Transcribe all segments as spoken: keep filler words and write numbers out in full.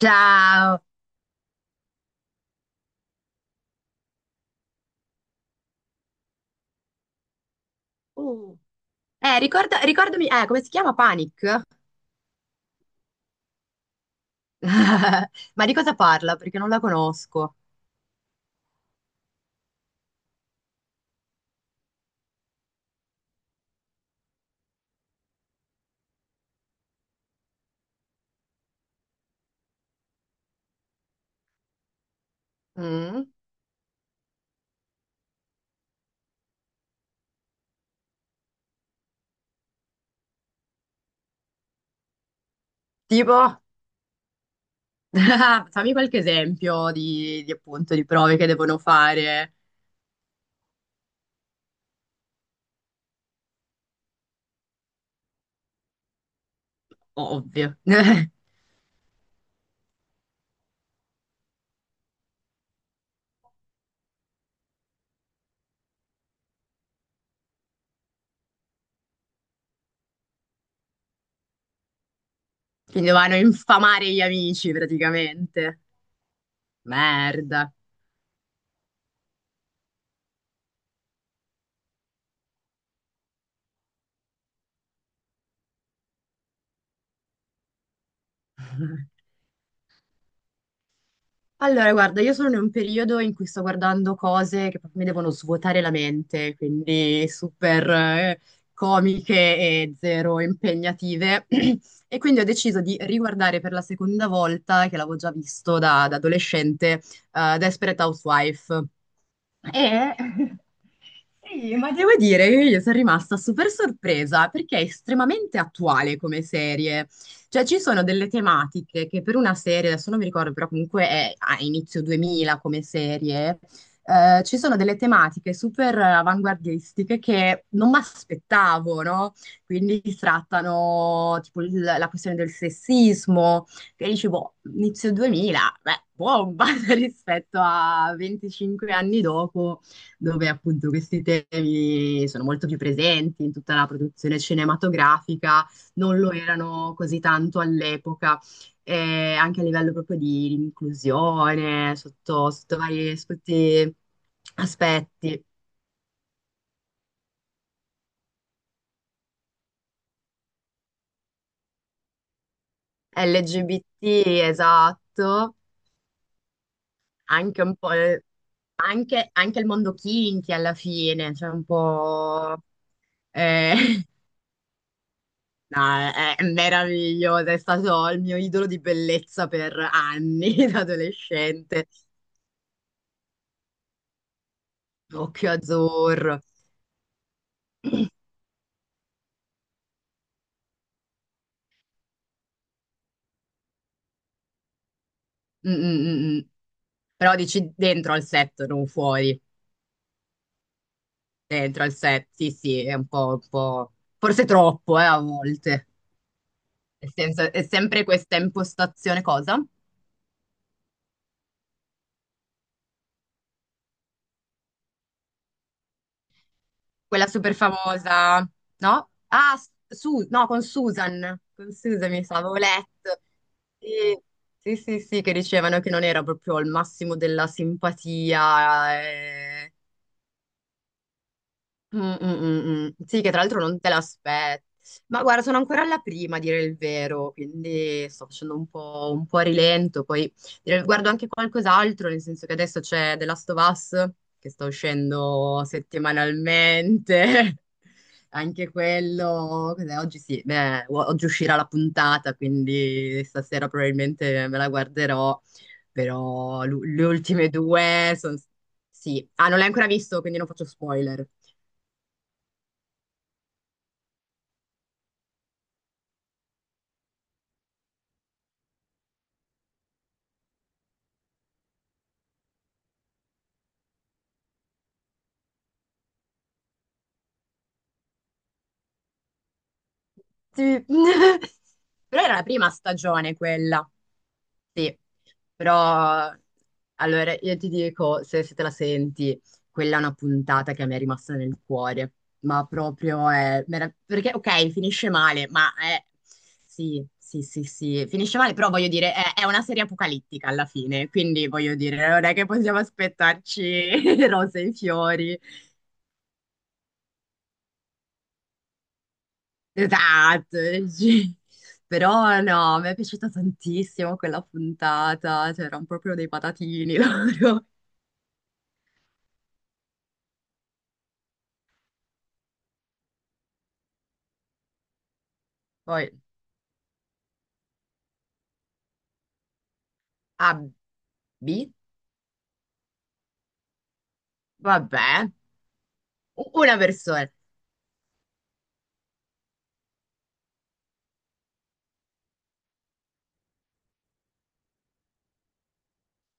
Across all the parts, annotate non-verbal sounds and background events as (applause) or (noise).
Ciao. Oh, Eh, ricorda- ricordami, eh, come si chiama Panic? (laughs) Ma di cosa parla? Perché non la conosco. Mm? Tipo, (laughs) fammi qualche esempio di, di, appunto di prove che devono fare. Ovvio. (laughs) Quindi vanno a infamare gli amici praticamente. Merda. (laughs) Allora, guarda, io sono in un periodo in cui sto guardando cose che proprio mi devono svuotare la mente, quindi super eh, comiche e zero impegnative. (clears throat) E quindi ho deciso di riguardare per la seconda volta, che l'avevo già visto da, da adolescente, eh, Desperate Housewife. E (laughs) sì, ma devo dire che io sono rimasta super sorpresa perché è estremamente attuale come serie. Cioè, ci sono delle tematiche che per una serie, adesso non mi ricordo, però comunque è a inizio duemila come serie, eh, ci sono delle tematiche super avanguardistiche che non mi aspettavo, no? Quindi si trattano tipo il- la questione del sessismo, che dici, boh, inizio duemila, beh, bomba (laughs) rispetto a venticinque anni dopo, dove appunto questi temi sono molto più presenti in tutta la produzione cinematografica non lo erano così tanto all'epoca, eh, anche a livello proprio di inclusione, sotto, sotto vari sotto aspetti. L G B T, esatto, anche un po', eh, anche, anche il mondo kinky alla fine, cioè un po'... eh, (laughs) no, è, è meraviglioso, è stato il mio idolo di bellezza per anni (laughs) da adolescente, occhio azzurro. Mm, mm, mm, mm. Però dici dentro al set, non fuori. Dentro al set, sì, sì, è un po', un po'... Forse troppo, eh, a volte. Nel senso, è sempre questa impostazione, cosa? Quella super famosa, no? Ah, Su- no, con Susan. Con Susan, mi sa, avevo letto. Sì, sì, sì, sì, che dicevano che non era proprio al massimo della simpatia. Eh. Mm, mm, mm, mm. Sì, che tra l'altro non te l'aspetti. Ma guarda, sono ancora alla prima a dire il vero, quindi sto facendo un po', un po' a rilento. Poi dire- guardo anche qualcos'altro, nel senso che adesso c'è The Last of Us, che sta uscendo settimanalmente. (laughs) Anche quello, cos'è? Oggi sì, beh, o- oggi uscirà la puntata, quindi stasera probabilmente me la guarderò, però l'u- le ultime due sono... Sì, ah, non l'hai ancora visto, quindi non faccio spoiler. Sì. (laughs) Però era la prima stagione quella, sì. Però, allora, io ti dico, se, se te la senti, quella è una puntata che mi è rimasta nel cuore. Ma proprio è... merav- Perché, ok, finisce male, ma è... Sì, sì, sì, sì. Finisce male, però voglio dire, è, è una serie apocalittica alla fine. Quindi, voglio dire, non è che possiamo aspettarci (laughs) rose e fiori. Esatto, sì. Però no, mi è piaciuta tantissimo quella puntata, c'erano proprio dei patatini (laughs) loro. Poi A B, vabbè, u- una persona.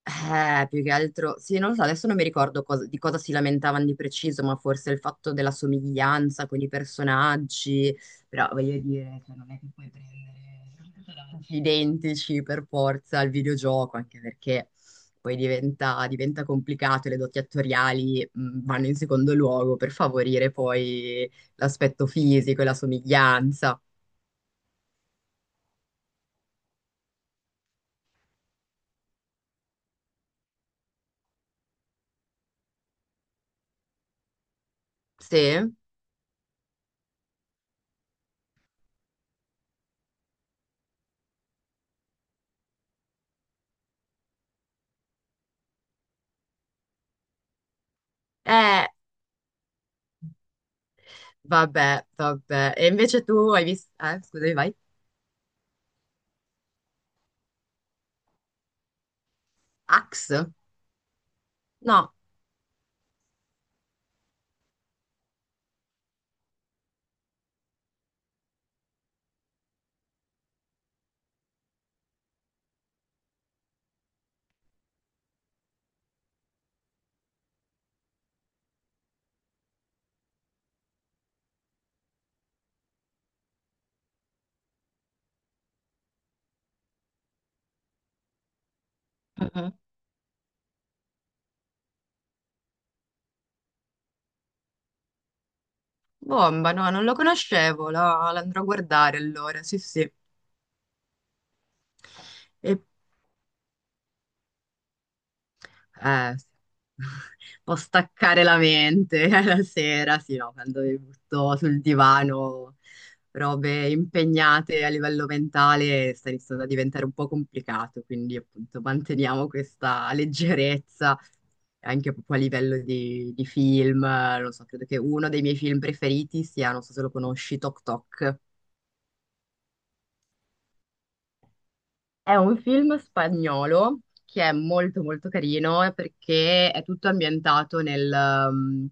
Eh, più che altro, sì, non lo so, adesso non mi ricordo cosa- di cosa si lamentavano di preciso, ma forse il fatto della somiglianza con i personaggi, però voglio dire, cioè, non è che puoi prendere personaggi identici per forza al videogioco, anche perché poi diventa, diventa complicato e le doti attoriali mh, vanno in secondo luogo per favorire poi l'aspetto fisico e la somiglianza. Sì? Eh, vabbè, vabbè. E invece tu hai visto... Eh, scusami, vai. Axe? No, mhm. Bomba, no, non lo conoscevo, la, l'andrò a guardare allora, sì, sì. E, eh, sì. (laughs) Può staccare la mente (laughs) la sera, sì, no, quando mi butto sul divano, robe impegnate a livello mentale, sta iniziando a diventare un po' complicato, quindi appunto manteniamo questa leggerezza anche proprio a livello di, di film, non so, credo che uno dei miei film preferiti sia, non so se lo conosci, Tok Tok. È un film spagnolo che è molto molto carino, eh, perché è tutto ambientato nel, um,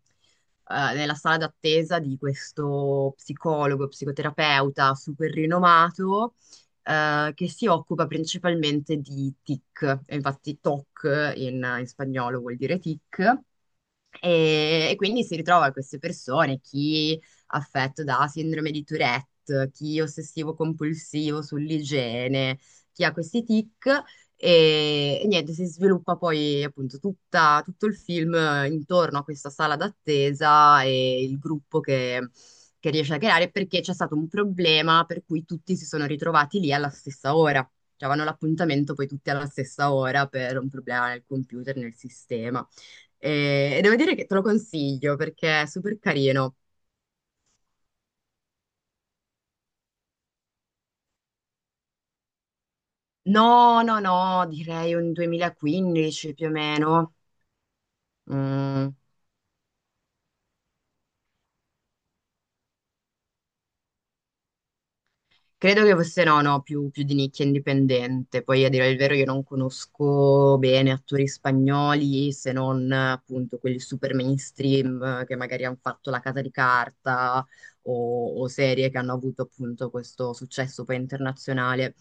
eh, nella sala d'attesa di questo psicologo, psicoterapeuta super rinomato, eh, che si occupa principalmente di TIC, e infatti TOC in, in spagnolo vuol dire TIC. E, e quindi si ritrova queste persone, chi affetto da sindrome di Tourette, chi ossessivo compulsivo sull'igiene, chi ha questi tic e, e niente, si sviluppa poi appunto tutta- tutto il film intorno a questa sala d'attesa e il gruppo che, che riesce a creare perché c'è stato un problema per cui tutti si sono ritrovati lì alla stessa ora. Cioè, avevano l'appuntamento poi tutti alla stessa ora per un problema nel computer, nel sistema. E, e devo dire che te lo consiglio perché è super carino. No, no, no, direi un duemilaquindici più o meno. Mm. Credo che fosse no, no, più, più di nicchia indipendente. Poi a dire il vero io non conosco bene attori spagnoli se non eh, appunto quelli super mainstream, eh, che magari hanno fatto La Casa di Carta o, o serie che hanno avuto appunto questo successo poi internazionale.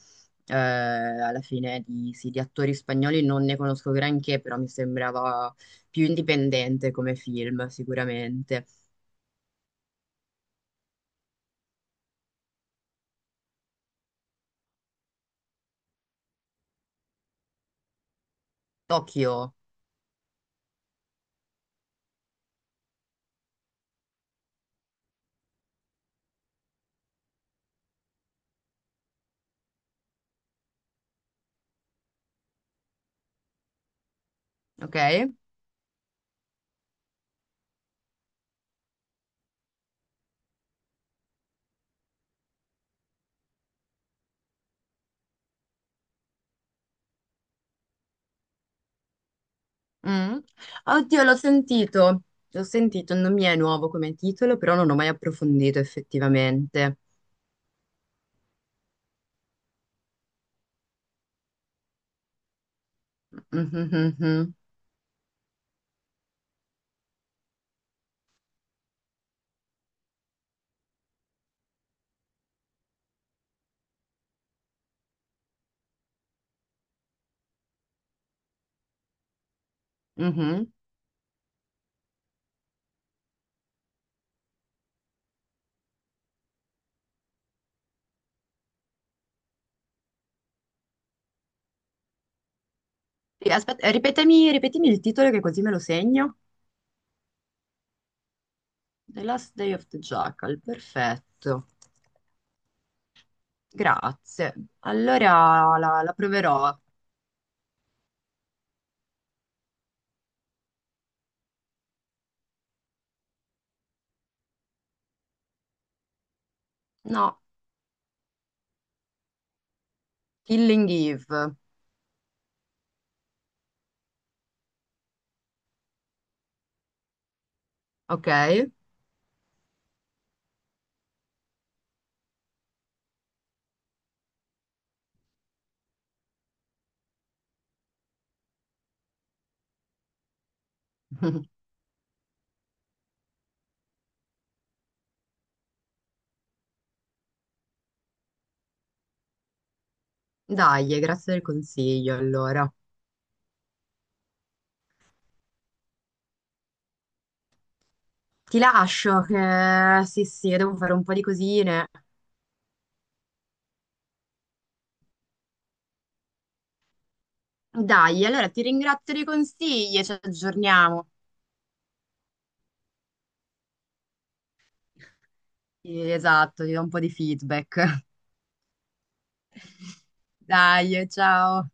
Eh, alla fine di, sì, di attori spagnoli non ne conosco granché, però mi sembrava più indipendente come film sicuramente. Tokyo, ok? Mm. Oddio, l'ho sentito, l'ho sentito, non mi è nuovo come titolo, però non ho mai approfondito effettivamente. Mhm, mhm. Sì, aspetta, eh, ripetemi, ripetimi il titolo che così me lo segno. The Last Day of the Jackal, perfetto. Grazie. Allora la, la proverò. No, Killing Eve, ok? (laughs) Dai, eh, grazie del consiglio, allora. Ti lascio che sì, sì, devo fare un po' di cosine. Dai, allora ti ringrazio dei consigli e ci aggiorniamo. Sì, esatto, ti do un po' di feedback. (laughs) Dai, ciao.